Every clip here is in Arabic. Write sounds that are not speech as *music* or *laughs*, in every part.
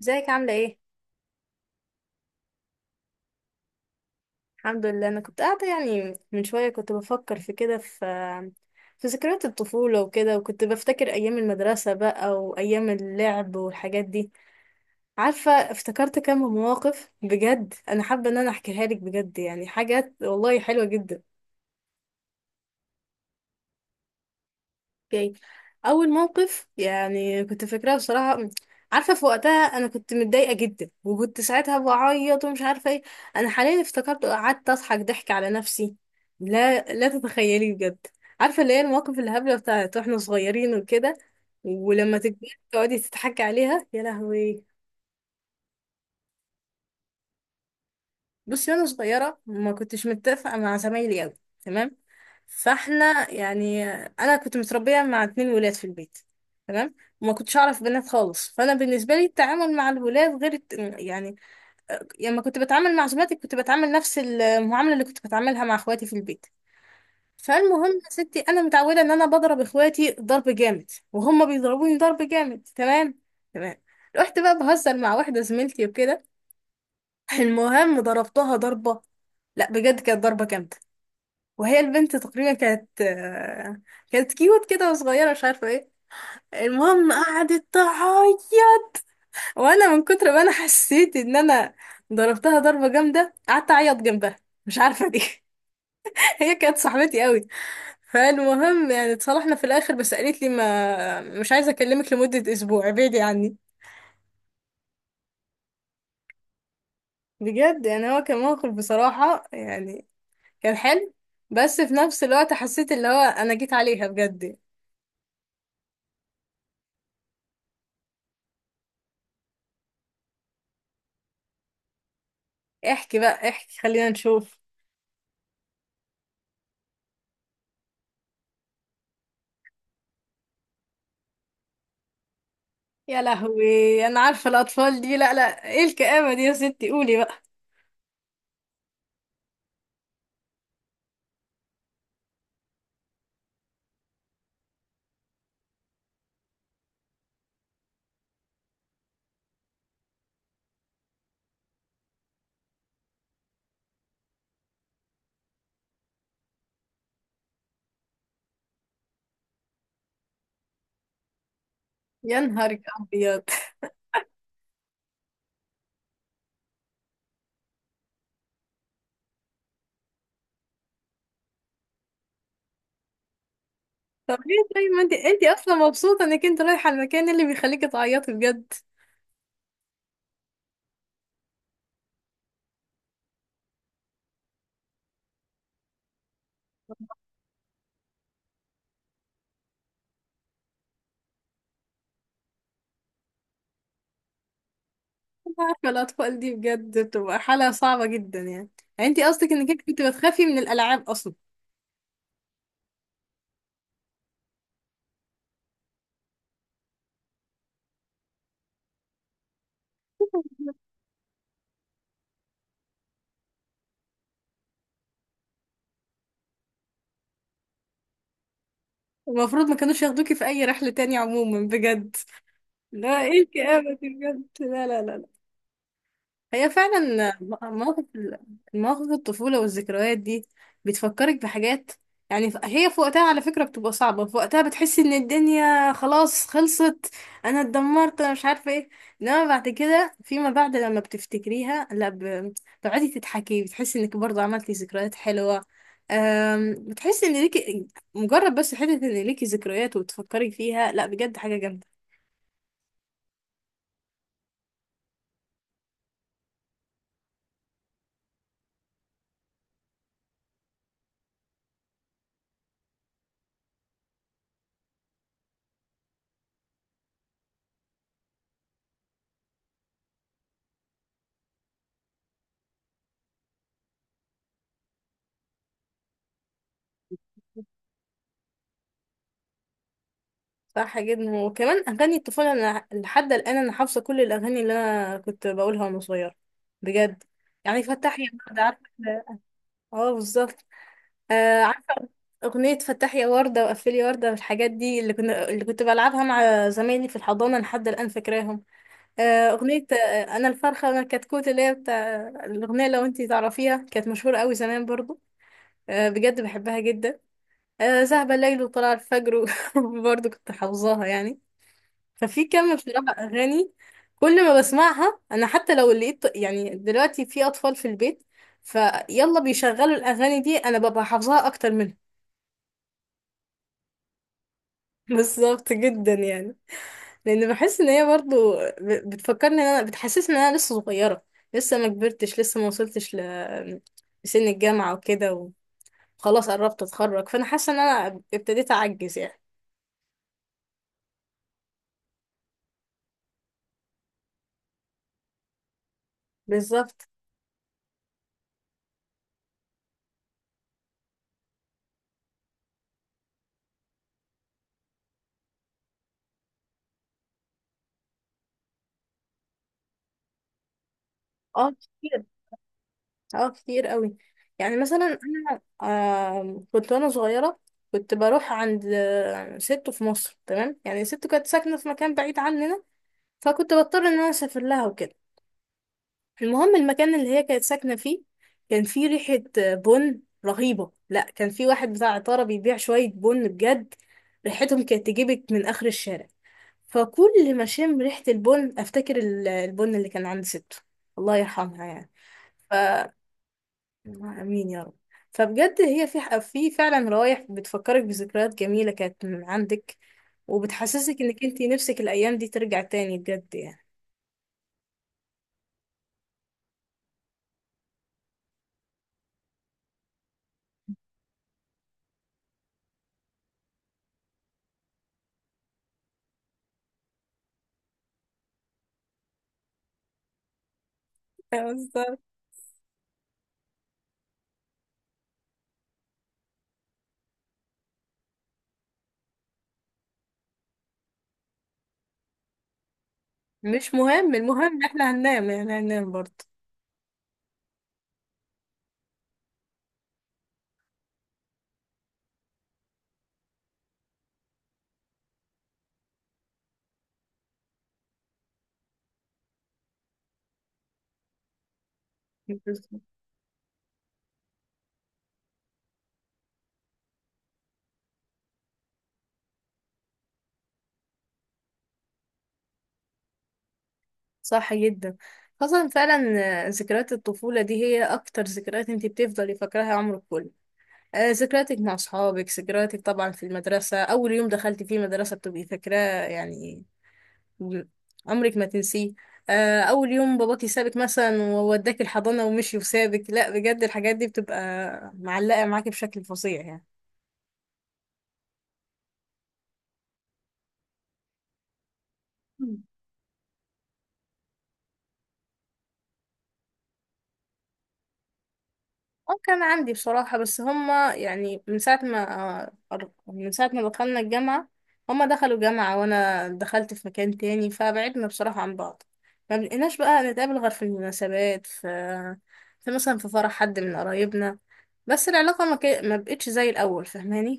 ازيك، عاملة ايه؟ الحمد لله، انا كنت قاعدة يعني من شوية كنت بفكر في كده في ذكريات الطفولة وكده، وكنت بفتكر ايام المدرسة بقى وايام اللعب والحاجات دي. عارفة، افتكرت كم مواقف بجد، انا حابة ان انا احكيها لك، بجد يعني حاجات والله حلوة جدا. اوكي. اول موقف يعني كنت فاكراه بصراحه. عارفه في وقتها انا كنت متضايقه جدا، وكنت ساعتها بعيط ومش عارفه ايه. انا حاليا افتكرت قعدت اضحك ضحك على نفسي. لا لا، تتخيلي بجد. عارفه، اللي هي المواقف الهبله بتاعت واحنا صغيرين وكده، ولما تكبري تقعدي تضحكي عليها، يا لهوي. بصي، وانا صغيره ما كنتش متفقه مع زمايلي قوي. تمام. فاحنا يعني، انا كنت متربيه مع اتنين ولاد في البيت. تمام. وما كنتش اعرف بنات خالص، فانا بالنسبه لي التعامل مع الولاد غير يعني لما كنت بتعامل مع زملاتي كنت بتعامل نفس المعامله اللي كنت بتعاملها مع اخواتي في البيت. فالمهم يا ستي، انا متعوده ان انا بضرب اخواتي ضرب جامد وهم بيضربوني ضرب جامد، تمام. تمام. رحت بقى بهزر مع واحده زميلتي وكده، المهم ضربتها ضربه، لا بجد كانت ضربه جامده. وهي البنت تقريبا كانت كانت كيوت كده وصغيرة، مش عارفة ايه. المهم قعدت تعيط. وانا من كتر ما انا حسيت ان انا ضربتها ضربة جامدة قعدت اعيط جنبها، مش عارفة دي. *laughs* هي كانت صاحبتي قوي. فالمهم يعني اتصالحنا في الاخر، بس قالت لي ما مش عايزة اكلمك لمدة اسبوع، ابعدي عني. بجد يعني هو كان موقف بصراحة، يعني كان حلو، بس في نفس الوقت حسيت اللي هو انا جيت عليها بجد. احكي بقى، احكي، خلينا نشوف. يا لهوي، انا عارفه الاطفال دي، لا لا، ايه الكآبه دي يا ستي، قولي بقى. يا نهارك ابيض. طب ليه طيب، ما انت اصلا مبسوطه انك انت رايحه المكان اللي بيخليكي تعيطي بجد. انا عارفه الاطفال دي بجد بتبقى حاله صعبه جدا يعني. يعني انت قصدك انك انت كنت بتخافي من الالعاب اصلا. المفروض ما كانوش ياخدوكي في اي رحله تانية عموما بجد. لا، ايه الكآبه دي بجد، لا لا لا. هي فعلا مواقف مواقف الطفولة والذكريات دي بتفكرك بحاجات. يعني هي في وقتها على فكرة بتبقى صعبة، في وقتها بتحس ان الدنيا خلاص خلصت، انا اتدمرت، انا مش عارفة ايه. انما بعد كده فيما بعد لما بتفتكريها لا بتقعدي تضحكي، بتحسي انك برضه عملتي ذكريات حلوة. بتحسي ان ليكي، مجرد بس حتة ان ليكي ذكريات وتفكري فيها، لا بجد حاجة جامدة. صح جدا. وكمان اغاني الطفوله، انا لحد الان انا حافظه كل الاغاني اللي انا كنت بقولها وانا صغيره بجد. يعني فتح يا ورده، عارفه؟ اه بالظبط. آه عارفه. اغنيه فتح يا ورده وقفلي ورده والحاجات دي اللي كنت بلعبها مع زمايلي في الحضانه، لحد الان فاكراهم. اغنيه انا الفرخه انا الكتكوت، اللي هي بتاع الاغنيه، لو انتي تعرفيها كانت مشهوره قوي زمان برضو. آه بجد بحبها جدا. ذهب الليل وطلع الفجر *laughs* برضو كنت حافظاها يعني. ففي كم بصراحة أغاني، كل ما بسمعها أنا حتى لو لقيت يعني دلوقتي في أطفال في البيت فيلا بيشغلوا الأغاني دي، أنا ببقى حافظاها أكتر منهم. *laughs* بالظبط جدا يعني. لأن بحس إن هي برضو بتفكرني إن أنا، بتحسسني إن أنا لسه صغيرة، لسه ما كبرتش، لسه ما وصلتش لسن الجامعة وكده. وخلاص قربت أتخرج، فأنا حاسة إن أنا ابتديت أعجز يعني. بالظبط. اه اه، كتير قوي. يعني مثلا انا كنت وانا صغيره كنت بروح عند ست في مصر، تمام يعني ست كانت ساكنه في مكان بعيد عننا، فكنت بضطر ان انا اسافر لها وكده. المهم المكان اللي هي كانت ساكنه فيه كان فيه ريحه بن رهيبه، لا كان في واحد بتاع عطاره بيبيع شويه بن، بجد ريحتهم كانت تجيبك من اخر الشارع. فكل ما اشم ريحه البن افتكر البن اللي كان عند ست، الله يرحمها يعني. امين يا رب. فبجد هي في فعلا روايح بتفكرك بذكريات جميله كانت من عندك، وبتحسسك انك انتي نفسك الايام دي ترجع تاني بجد يعني. *laughs* بالظبط. مش مهم، المهم إن احنا هننام، يعني هننام برضه. بالظبط. صح جدا، خاصة فعلا ذكريات الطفولة دي هي أكتر ذكريات انتي بتفضلي فاكراها عمرك كله. ذكرياتك مع أصحابك، ذكرياتك طبعا في المدرسة، أول يوم دخلتي فيه مدرسة بتبقي فاكراه يعني، عمرك ما تنسيه. اول يوم باباكي سابك مثلا ووداك الحضانة ومشي وسابك، لا بجد الحاجات دي بتبقى معلقة معاكي بشكل فظيع يعني. مم. اه كان عندي بصراحة، بس هما يعني من ساعة ما دخلنا الجامعة، هما دخلوا جامعة وأنا دخلت في مكان تاني، فبعدنا بصراحة عن بعض. ما بقيناش بقى نتقابل غير في المناسبات، في مثلا في فرح حد من قرايبنا. بس العلاقة ما بقتش زي الأول، فاهماني.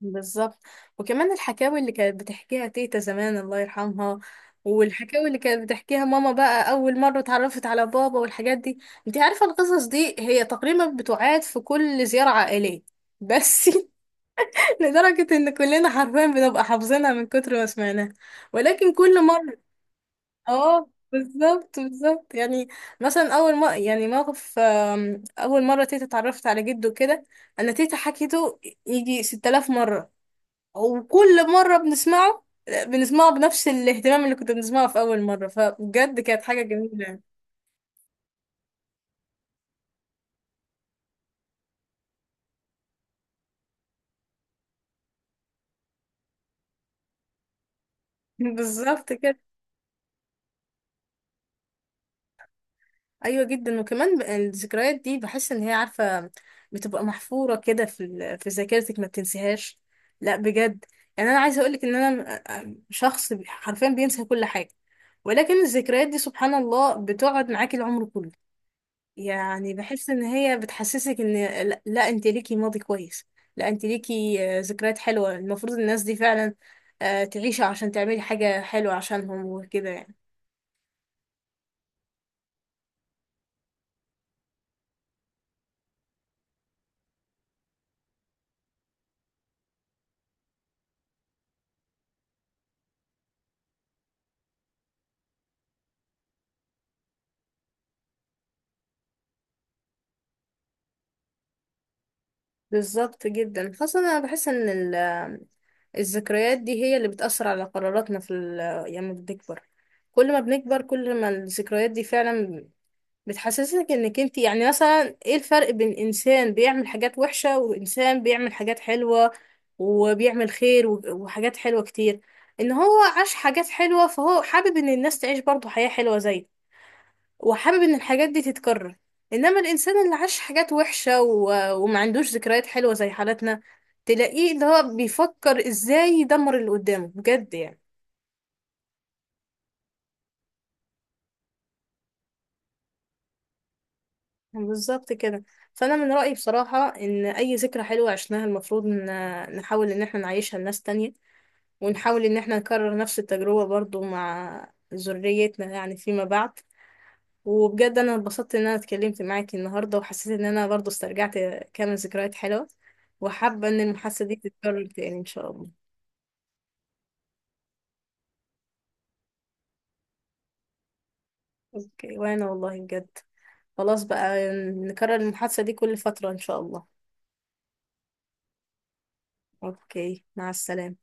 بالظبط. وكمان الحكاوي اللي كانت بتحكيها تيتا زمان، الله يرحمها، والحكاوي اللي كانت بتحكيها ماما بقى، أول مرة اتعرفت على بابا والحاجات دي. انت عارفة القصص دي هي تقريبا بتعاد في كل زيارة عائلية، بس *laughs* لدرجة ان كلنا حرفيا بنبقى حافظينها من كتر ما سمعناها. ولكن كل مرة، اه بالظبط بالظبط يعني. مثلا اول ما يعني موقف، اول مره تيتا اتعرفت على جده كده، انا تيتا حكيته يجي 6000 مره. وكل مرة بنسمعه بنفس الاهتمام اللي كنت بنسمعه في أول مرة، فبجد كانت حاجة جميلة يعني. *laughs* بالظبط كده. أيوة جدا. وكمان الذكريات دي بحس إن هي، عارفة، بتبقى محفورة كده في في ذاكرتك، ما بتنسيهاش، لا بجد. يعني أنا عايزة أقولك إن أنا شخص حرفيا بينسى كل حاجة، ولكن الذكريات دي سبحان الله بتقعد معاكي العمر كله. يعني بحس ان هي بتحسسك ان لا, لا انت ليكي ماضي كويس، لا انت ليكي ذكريات حلوة، المفروض الناس دي فعلا تعيش عشان تعملي حاجة حلوة عشانهم وكده يعني. بالظبط جدا، خاصة انا بحس ان الذكريات دي هي اللي بتأثر على قراراتنا في لما بنكبر. كل ما بنكبر كل ما الذكريات دي فعلا بتحسسك انك انت، يعني مثلا ايه الفرق بين انسان بيعمل حاجات وحشة وانسان بيعمل حاجات حلوة وبيعمل خير وحاجات حلوة كتير؟ ان هو عاش حاجات حلوة، فهو حابب ان الناس تعيش برضه حياة حلوة زيه، وحابب ان الحاجات دي تتكرر. انما الانسان اللي عاش حاجات وحشة وما عندوش ذكريات حلوة زي حالتنا، تلاقيه اللي هو بيفكر ازاي يدمر اللي قدامه بجد يعني. بالظبط كده. فانا من رايي بصراحه ان اي ذكرى حلوه عشناها المفروض ان نحاول ان احنا نعيشها لناس تانية، ونحاول ان احنا نكرر نفس التجربه برضو مع ذريتنا يعني فيما بعد. وبجد انا اتبسطت ان انا اتكلمت معاكي النهارده، وحسيت ان انا برضو استرجعت كام ذكريات حلوه، وحابه ان المحادثه دي تتكرر تاني ان شاء الله. اوكي، وانا والله بجد، خلاص بقى نكرر المحادثه دي كل فتره ان شاء الله. اوكي، مع السلامه.